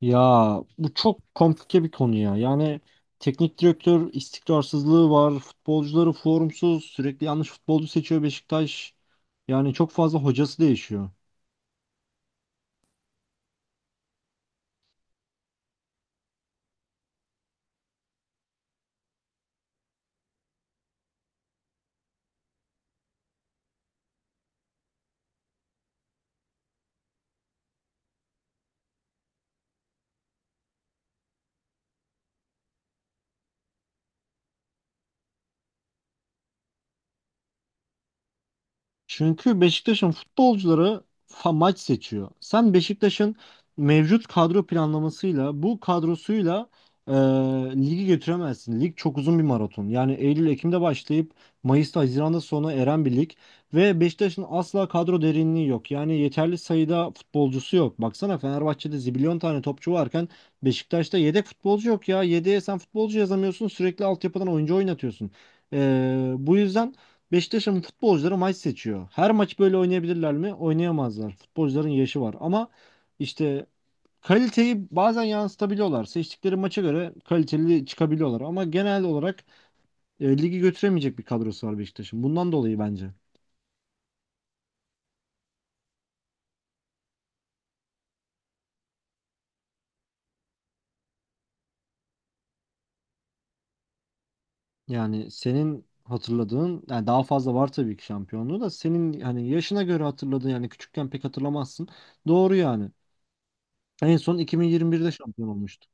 Ya bu çok komplike bir konu ya. Yani teknik direktör istikrarsızlığı var. Futbolcuları formsuz. Sürekli yanlış futbolcu seçiyor Beşiktaş. Yani çok fazla hocası değişiyor. Çünkü Beşiktaş'ın futbolcuları maç seçiyor. Sen Beşiktaş'ın mevcut kadro planlamasıyla, bu kadrosuyla e, ligi götüremezsin. Lig çok uzun bir maraton. Yani Eylül-Ekim'de başlayıp Mayıs'ta, Haziran'da sona eren bir lig. Ve Beşiktaş'ın asla kadro derinliği yok. Yani yeterli sayıda futbolcusu yok. Baksana Fenerbahçe'de zibilyon tane topçu varken Beşiktaş'ta yedek futbolcu yok ya. Yedeğe sen futbolcu yazamıyorsun. Sürekli altyapıdan oyuncu oynatıyorsun. E, bu yüzden... Beşiktaş'ın futbolcuları maç seçiyor. Her maç böyle oynayabilirler mi? Oynayamazlar. Futbolcuların yaşı var. Ama işte kaliteyi bazen yansıtabiliyorlar. Seçtikleri maça göre kaliteli çıkabiliyorlar. Ama genel olarak ligi götüremeyecek bir kadrosu var Beşiktaş'ın. Bundan dolayı bence. Yani senin hatırladığın, yani daha fazla var tabii ki şampiyonluğu da senin hani yaşına göre hatırladığın, yani küçükken pek hatırlamazsın. Doğru yani. En son 2021'de şampiyon olmuştu.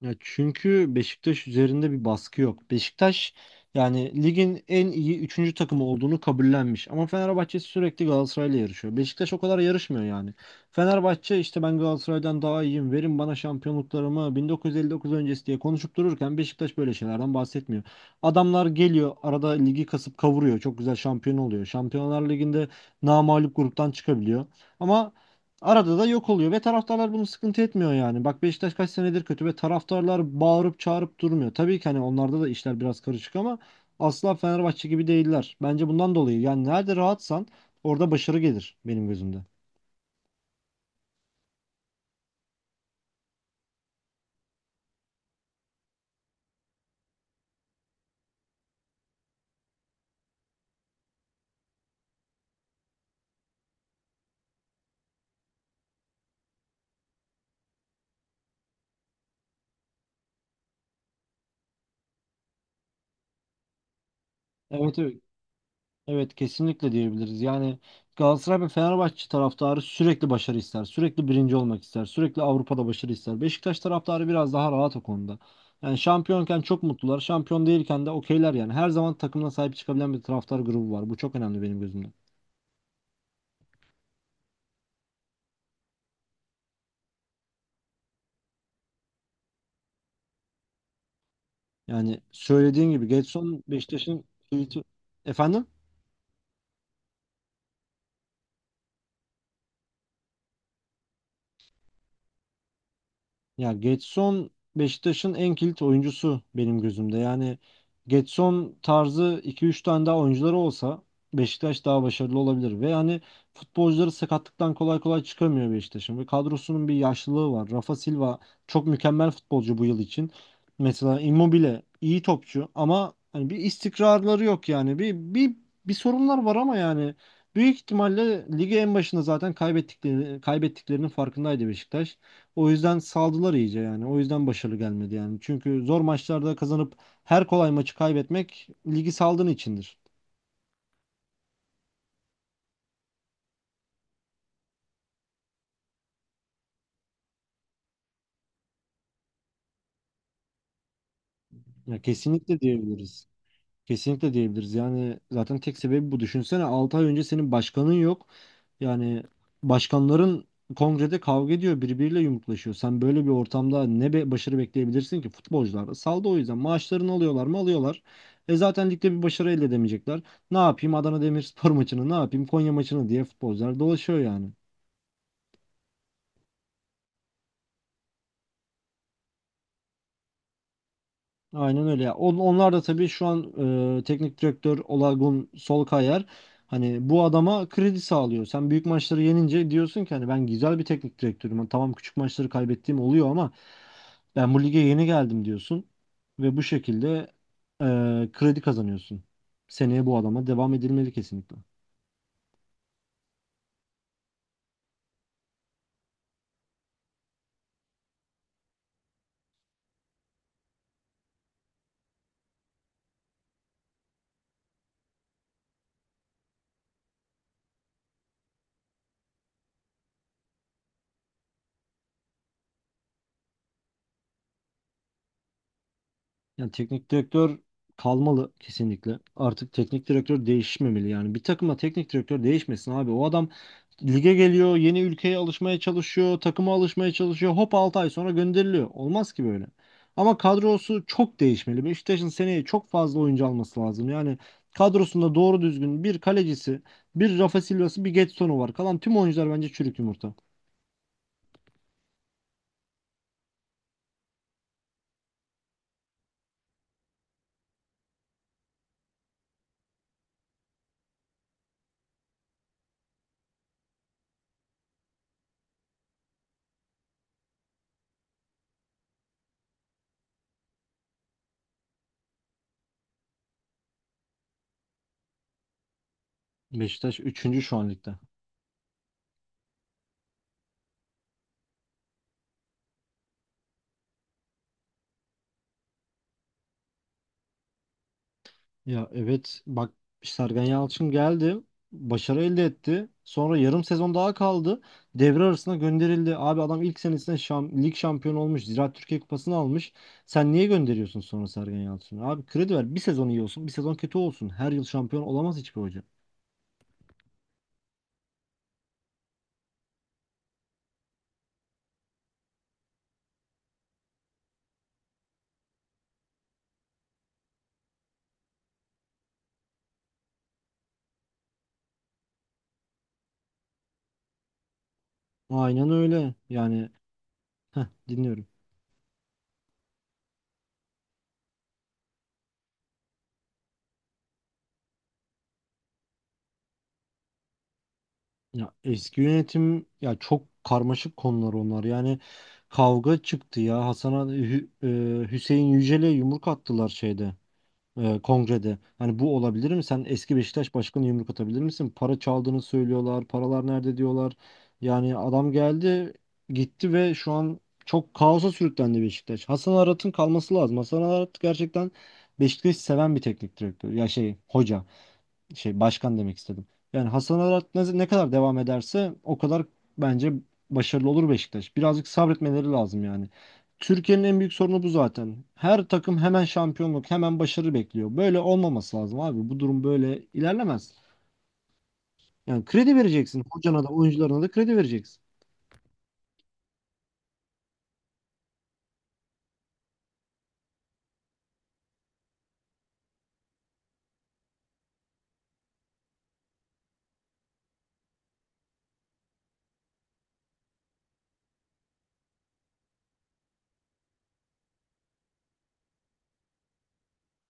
Ya çünkü Beşiktaş üzerinde bir baskı yok. Beşiktaş yani ligin en iyi üçüncü takımı olduğunu kabullenmiş. Ama Fenerbahçe sürekli Galatasaray'la yarışıyor. Beşiktaş o kadar yarışmıyor yani. Fenerbahçe işte ben Galatasaray'dan daha iyiyim, verin bana şampiyonluklarımı 1959 öncesi diye konuşup dururken Beşiktaş böyle şeylerden bahsetmiyor. Adamlar geliyor arada ligi kasıp kavuruyor. Çok güzel şampiyon oluyor. Şampiyonlar Ligi'nde namağlup gruptan çıkabiliyor. Ama arada da yok oluyor ve taraftarlar bunu sıkıntı etmiyor yani. Bak Beşiktaş kaç senedir kötü ve taraftarlar bağırıp çağırıp durmuyor. Tabii ki hani onlarda da işler biraz karışık ama asla Fenerbahçe gibi değiller. Bence bundan dolayı yani nerede rahatsan orada başarı gelir benim gözümde. Evet, evet. Evet, kesinlikle diyebiliriz. Yani Galatasaray ve Fenerbahçe taraftarı sürekli başarı ister. Sürekli birinci olmak ister. Sürekli Avrupa'da başarı ister. Beşiktaş taraftarı biraz daha rahat o konuda. Yani şampiyonken çok mutlular. Şampiyon değilken de okeyler yani. Her zaman takımına sahip çıkabilen bir taraftar grubu var. Bu çok önemli benim gözümde. Yani söylediğin gibi Gedson Beşiktaş'ın tweet'i... Efendim? Ya Getson Beşiktaş'ın en kilit oyuncusu benim gözümde. Yani Getson tarzı 2 3 tane daha oyuncuları olsa Beşiktaş daha başarılı olabilir. Ve yani futbolcuları sakatlıktan kolay kolay çıkamıyor Beşiktaş'ın. Ve kadrosunun bir yaşlılığı var. Rafa Silva çok mükemmel futbolcu bu yıl için. Mesela Immobile iyi topçu ama hani bir istikrarları yok yani. Bir sorunlar var ama yani büyük ihtimalle ligi en başında zaten kaybettiklerinin farkındaydı Beşiktaş. O yüzden saldılar iyice yani. O yüzden başarılı gelmedi yani. Çünkü zor maçlarda kazanıp her kolay maçı kaybetmek ligi saldığın içindir. Ya kesinlikle diyebiliriz. Kesinlikle diyebiliriz. Yani zaten tek sebebi bu. Düşünsene 6 ay önce senin başkanın yok. Yani başkanların kongrede kavga ediyor, birbiriyle yumruklaşıyor. Sen böyle bir ortamda ne be başarı bekleyebilirsin ki? Futbolcular da saldı o yüzden. Maaşlarını alıyorlar mı? Alıyorlar. E zaten ligde bir başarı elde edemeyecekler. Ne yapayım Adana Demirspor maçını, ne yapayım Konya maçını diye futbolcular dolaşıyor yani. Aynen öyle ya. Onlar da tabii şu an teknik direktör Olagun Solkayar hani bu adama kredi sağlıyor. Sen büyük maçları yenince diyorsun ki hani ben güzel bir teknik direktörüm. Hani tamam, küçük maçları kaybettiğim oluyor ama ben bu lige yeni geldim diyorsun ve bu şekilde kredi kazanıyorsun. Seneye bu adama devam edilmeli kesinlikle. Yani teknik direktör kalmalı kesinlikle. Artık teknik direktör değişmemeli yani. Bir takıma teknik direktör değişmesin abi. O adam lige geliyor, yeni ülkeye alışmaya çalışıyor, takıma alışmaya çalışıyor. Hop 6 ay sonra gönderiliyor. Olmaz ki böyle. Ama kadrosu çok değişmeli. Beşiktaş'ın seneye çok fazla oyuncu alması lazım. Yani kadrosunda doğru düzgün bir kalecisi, bir Rafa Silva'sı, bir Getson'u var. Kalan tüm oyuncular bence çürük yumurta. Beşiktaş üçüncü şu an ligde. Ya evet, bak, Sergen Yalçın geldi. Başarı elde etti. Sonra yarım sezon daha kaldı. Devre arasına gönderildi. Abi adam ilk senesinde lig şampiyonu olmuş. Ziraat Türkiye Kupası'nı almış. Sen niye gönderiyorsun sonra Sergen Yalçın'ı? Abi kredi ver. Bir sezon iyi olsun, bir sezon kötü olsun. Her yıl şampiyon olamaz hiçbir hoca. Aynen öyle. Yani heh, dinliyorum. Ya eski yönetim ya, çok karmaşık konular onlar. Yani kavga çıktı ya. Hüseyin Yücel'e yumruk attılar şeyde. Kongrede. Hani bu olabilir mi? Sen eski Beşiktaş başkanı yumruk atabilir misin? Para çaldığını söylüyorlar. Paralar nerede diyorlar. Yani adam geldi, gitti ve şu an çok kaosa sürüklendi Beşiktaş. Hasan Arat'ın kalması lazım. Hasan Arat gerçekten Beşiktaş'ı seven bir teknik direktör. Ya şey, hoca, şey, başkan demek istedim. Yani Hasan Arat ne kadar devam ederse o kadar bence başarılı olur Beşiktaş. Birazcık sabretmeleri lazım yani. Türkiye'nin en büyük sorunu bu zaten. Her takım hemen şampiyonluk, hemen başarı bekliyor. Böyle olmaması lazım abi. Bu durum böyle ilerlemez. Yani kredi vereceksin. Hocana da oyuncularına da kredi vereceksin.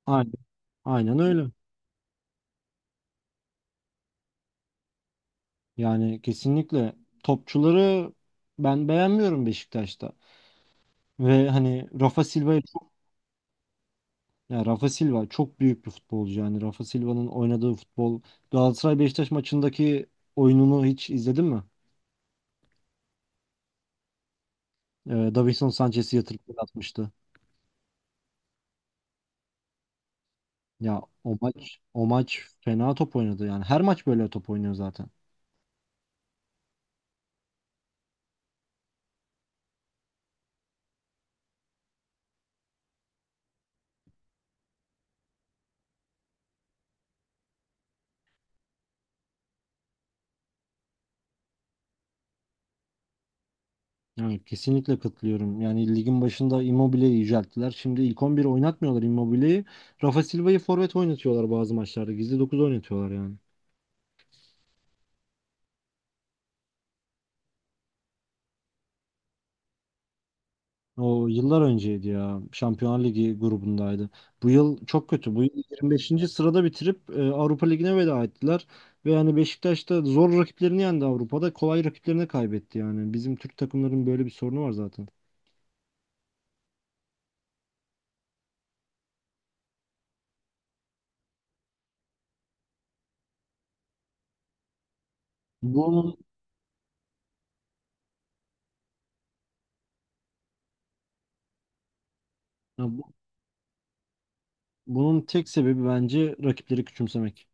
Aynen. Aynen öyle. Yani kesinlikle topçuları ben beğenmiyorum Beşiktaş'ta. Ve hani Rafa Silva'yı... Ya Rafa Silva çok büyük bir futbolcu yani. Rafa Silva'nın oynadığı futbol, Galatasaray Beşiktaş maçındaki oyununu hiç izledin mi? Davinson Sanchez'i yatırıp gol atmıştı. Ya o maç fena top oynadı yani. Her maç böyle top oynuyor zaten. Yani kesinlikle katılıyorum. Yani ligin başında Immobile'yi yücelttiler. Şimdi ilk 11 oynatmıyorlar Immobile'yi. Rafa Silva'yı forvet oynatıyorlar bazı maçlarda. Gizli 9 oynatıyorlar yani. O yıllar önceydi ya. Şampiyonlar Ligi grubundaydı. Bu yıl çok kötü. Bu yıl 25. sırada bitirip Avrupa Ligi'ne veda ettiler. Ve yani Beşiktaş da zor rakiplerini yendi Avrupa'da. Kolay rakiplerini kaybetti yani. Bizim Türk takımların böyle bir sorunu var zaten. Bunun, ya bu- bunun tek sebebi bence rakipleri küçümsemek.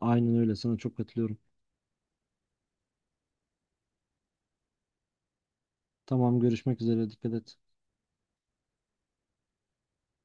Aynen öyle. Sana çok katılıyorum. Tamam, görüşmek üzere. Dikkat et.